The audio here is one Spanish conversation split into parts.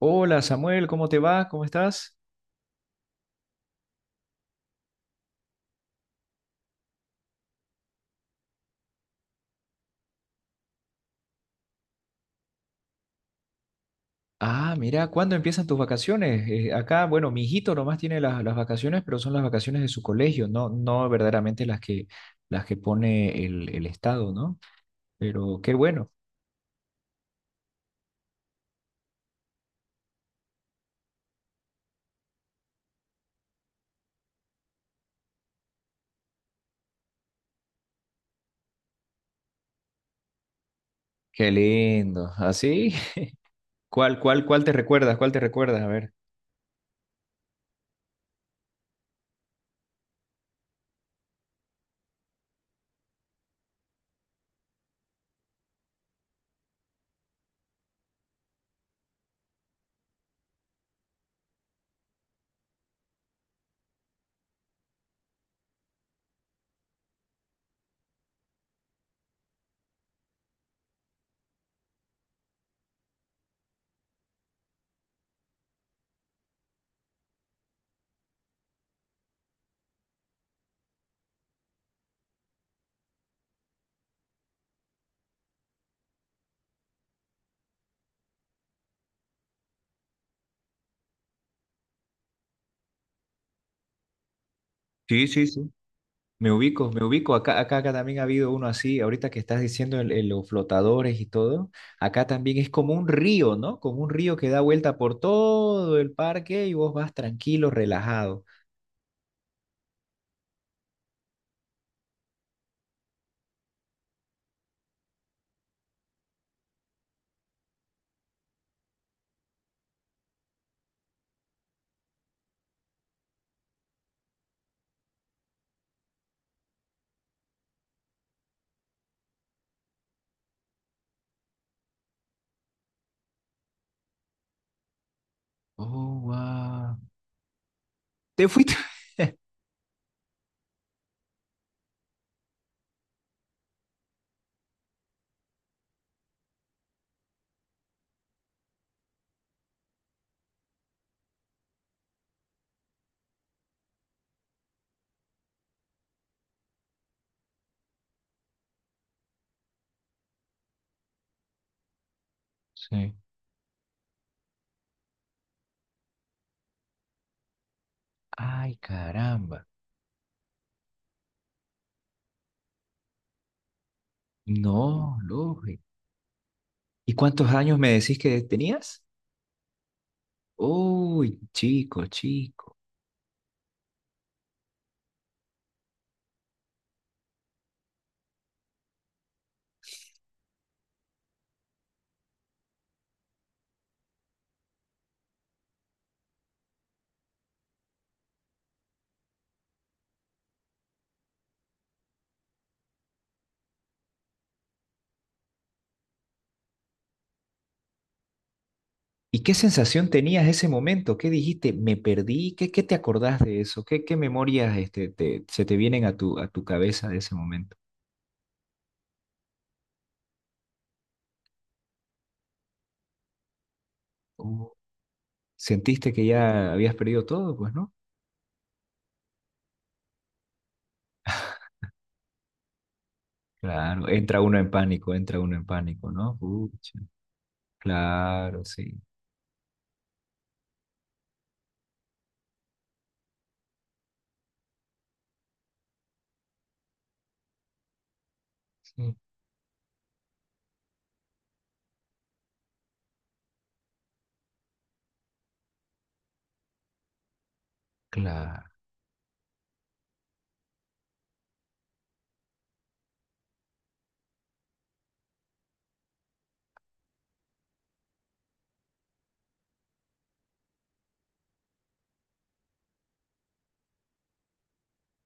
Hola Samuel, ¿cómo te va? ¿Cómo estás? Ah, mira, ¿cuándo empiezan tus vacaciones? Acá, bueno, mi hijito nomás tiene las vacaciones, pero son las vacaciones de su colegio, no verdaderamente las que pone el Estado, ¿no? Pero qué bueno, qué lindo. ¿Así? ¿Cuál te recuerdas? ¿Cuál te recuerdas? A ver. Sí, sí, sí. Me ubico, me ubico. Acá también ha habido uno así, ahorita que estás diciendo los flotadores y todo. Acá también es como un río, ¿no? Como un río que da vuelta por todo el parque y vos vas tranquilo, relajado. Oh, wow. ¿Te fuiste? Sí. Ay, caramba. No, lógico. ¿Y cuántos años me decís que tenías? Uy, chico, chico. ¿Y qué sensación tenías ese momento? ¿Qué dijiste? ¿Me perdí? ¿Qué te acordás de eso? ¿Qué memorias se te vienen a tu cabeza de ese momento? Uh, ¿Sentiste que ya habías perdido todo? Pues no. Claro, entra uno en pánico, entra uno en pánico, ¿no? Pucha. Claro, sí, sí, claro,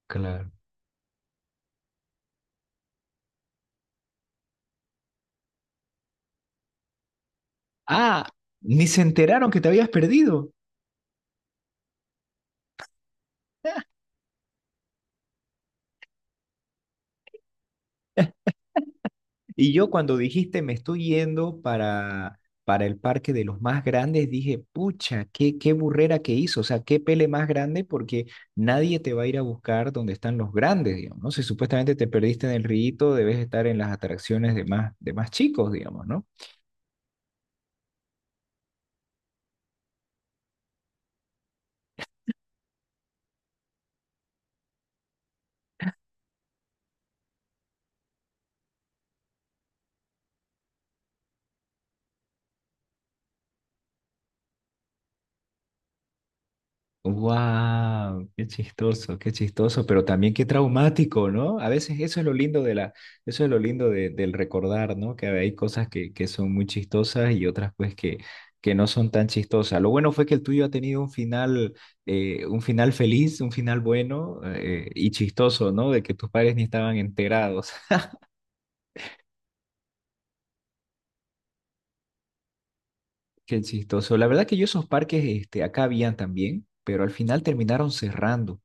claro. Ah, ni se enteraron que te habías perdido. Y yo cuando dijiste me estoy yendo para el parque de los más grandes, dije, pucha, qué burrera que hizo, o sea, qué pele más grande porque nadie te va a ir a buscar donde están los grandes, digamos, ¿no? Si supuestamente te perdiste en el rito, debes estar en las atracciones de más chicos, digamos, ¿no? Wow, qué chistoso, pero también qué traumático, ¿no? A veces eso es lo lindo de la, eso es lo lindo de- del recordar, ¿no? Que hay cosas que son muy chistosas y otras pues que no son tan chistosas. Lo bueno fue que el tuyo ha tenido un final feliz, un final bueno y chistoso, ¿no? De que tus padres ni estaban enterados. Qué chistoso. La verdad que yo esos parques, acá habían también, pero al final terminaron cerrando.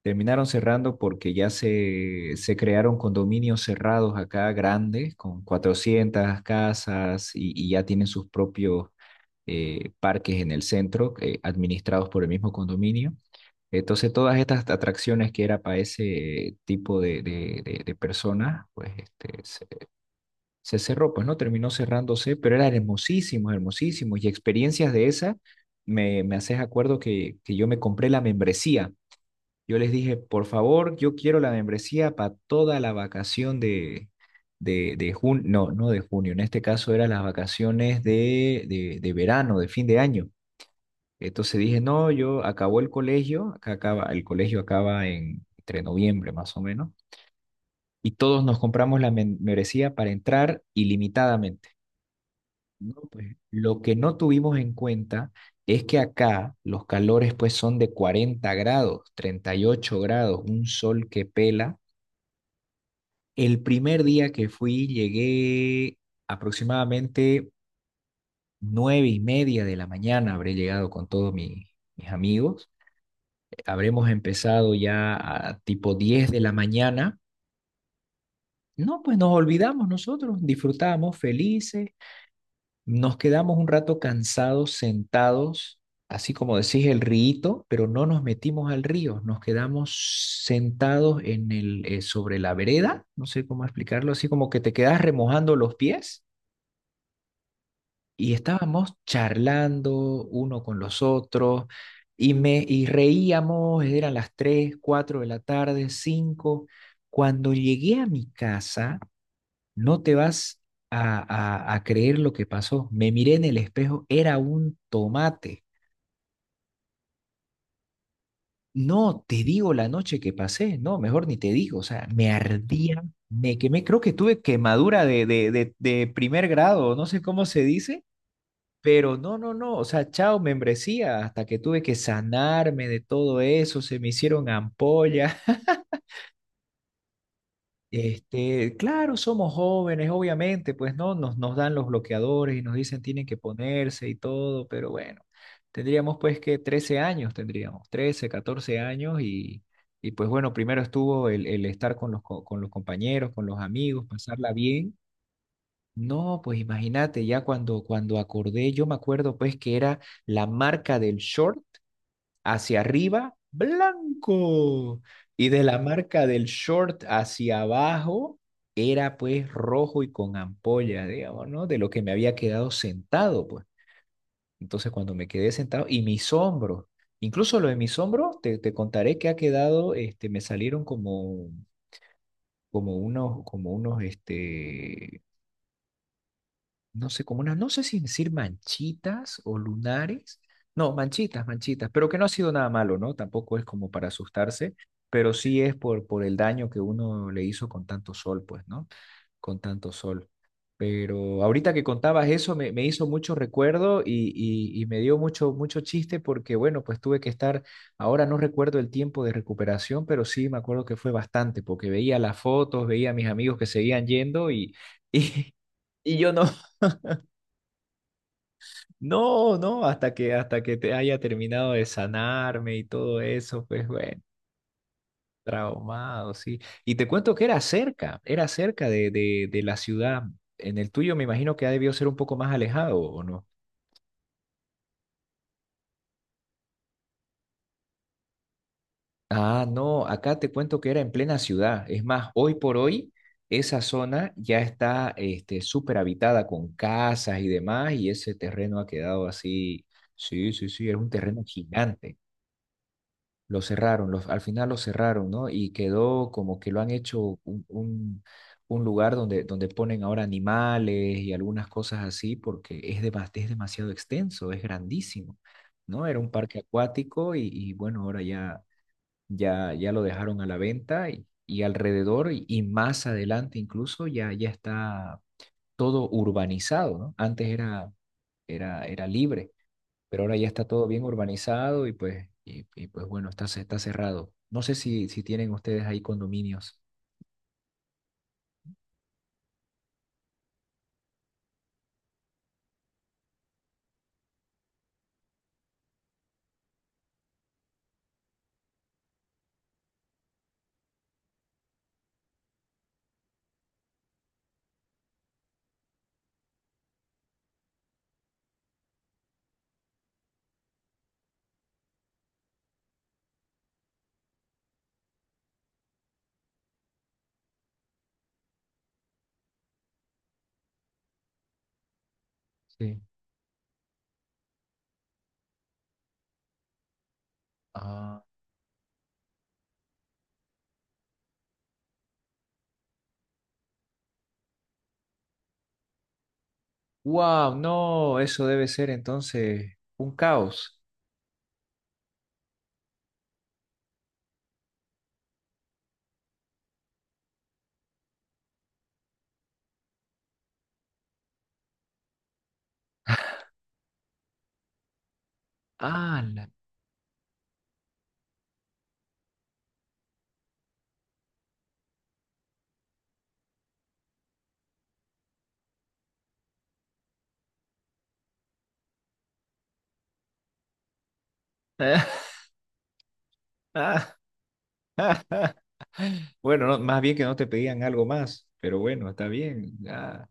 Terminaron cerrando porque ya se crearon condominios cerrados acá grandes, con 400 casas y ya tienen sus propios parques en el centro, administrados por el mismo condominio. Entonces, todas estas atracciones que era para ese tipo de personas, se cerró, pues no terminó cerrándose, pero eran hermosísimos, hermosísimos. Y experiencias de esas, me haces acuerdo que yo me compré la membresía. Yo les dije, por favor, yo quiero la membresía para toda la vacación de junio, no de junio, en este caso eran las vacaciones de verano, de fin de año. Entonces dije, no, yo acabó el colegio, el colegio acaba en, entre noviembre más o menos, y todos nos compramos la membresía para entrar ilimitadamente. No, pues, lo que no tuvimos en cuenta es que acá los calores pues son de 40 grados, 38 grados, un sol que pela. El primer día que fui llegué aproximadamente 9:30 de la mañana, habré llegado con todos mis amigos. Habremos empezado ya a tipo 10 de la mañana. No, pues nos olvidamos nosotros, disfrutamos felices, nos quedamos un rato cansados, sentados, así como decís el río, pero no nos metimos al río, nos quedamos sentados sobre la vereda, no sé cómo explicarlo, así como que te quedas remojando los pies y estábamos charlando uno con los otros y me y reíamos, eran las 3, 4 de la tarde, 5. Cuando llegué a mi casa, no te vas a, a creer lo que pasó. Me miré en el espejo, era un tomate. No te digo la noche que pasé, no, mejor ni te digo, o sea, me ardía, me quemé, creo que tuve quemadura de primer grado, no sé cómo se dice. Pero no, no, no, o sea, chao, membresía, hasta que tuve que sanarme de todo eso, se me hicieron ampollas. Claro, somos jóvenes, obviamente, pues no, nos dan los bloqueadores y nos dicen tienen que ponerse y todo, pero bueno, tendríamos pues que 13 años, tendríamos 13, 14 años, y pues bueno, primero estuvo el estar con los compañeros, con los amigos, pasarla bien. No, pues imagínate, ya cuando acordé, yo me acuerdo pues que era la marca del short hacia arriba, blanco, y de la marca del short hacia abajo, era pues rojo y con ampolla, digamos, ¿no? De lo que me había quedado sentado, pues. Entonces cuando me quedé sentado, y mis hombros, incluso lo de mis hombros, te contaré que ha quedado, me salieron como unos, no sé, como una, no sé si decir manchitas o lunares. No, manchitas, manchitas, pero que no ha sido nada malo, ¿no? Tampoco es como para asustarse, pero sí es por el daño que uno le hizo con tanto sol, pues, ¿no? Con tanto sol. Pero ahorita que contabas eso me hizo mucho recuerdo y me dio mucho, mucho chiste porque, bueno, pues tuve que estar, ahora no recuerdo el tiempo de recuperación, pero sí me acuerdo que fue bastante porque veía las fotos, veía a mis amigos que seguían yendo y, y yo no. No, no, hasta que, te haya terminado de sanarme y todo eso, pues bueno, traumado, sí. Y te cuento que era cerca de la ciudad. En el tuyo me imagino que ha debido ser un poco más alejado, ¿o no? Ah, no, acá te cuento que era en plena ciudad. Es más, hoy por hoy esa zona ya está súper habitada con casas y demás, y ese terreno ha quedado así. Sí, sí, sí, era un terreno gigante. Lo cerraron, al final lo cerraron, ¿no? Y quedó como que lo han hecho un lugar donde ponen ahora animales y algunas cosas así, porque es demasiado extenso, es grandísimo, ¿no? Era un parque acuático y bueno, ahora ya, ya lo dejaron a la venta y alrededor y más adelante incluso ya, ya, está todo urbanizado, ¿no? Antes era libre, pero ahora ya está todo bien urbanizado y pues, y pues bueno, está, está cerrado. No sé si tienen ustedes ahí condominios. Sí. Ah, wow, no, eso debe ser entonces un caos. Ah, Bueno, no, más bien que no te pedían algo más, pero bueno, está bien.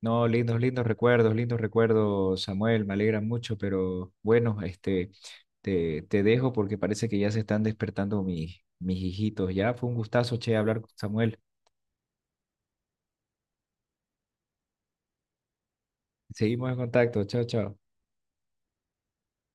No, lindos, lindos recuerdos, Samuel, me alegra mucho, pero bueno, te dejo porque parece que ya se están despertando mis hijitos. Ya fue un gustazo, che, hablar con Samuel. Seguimos en contacto, chao, chao.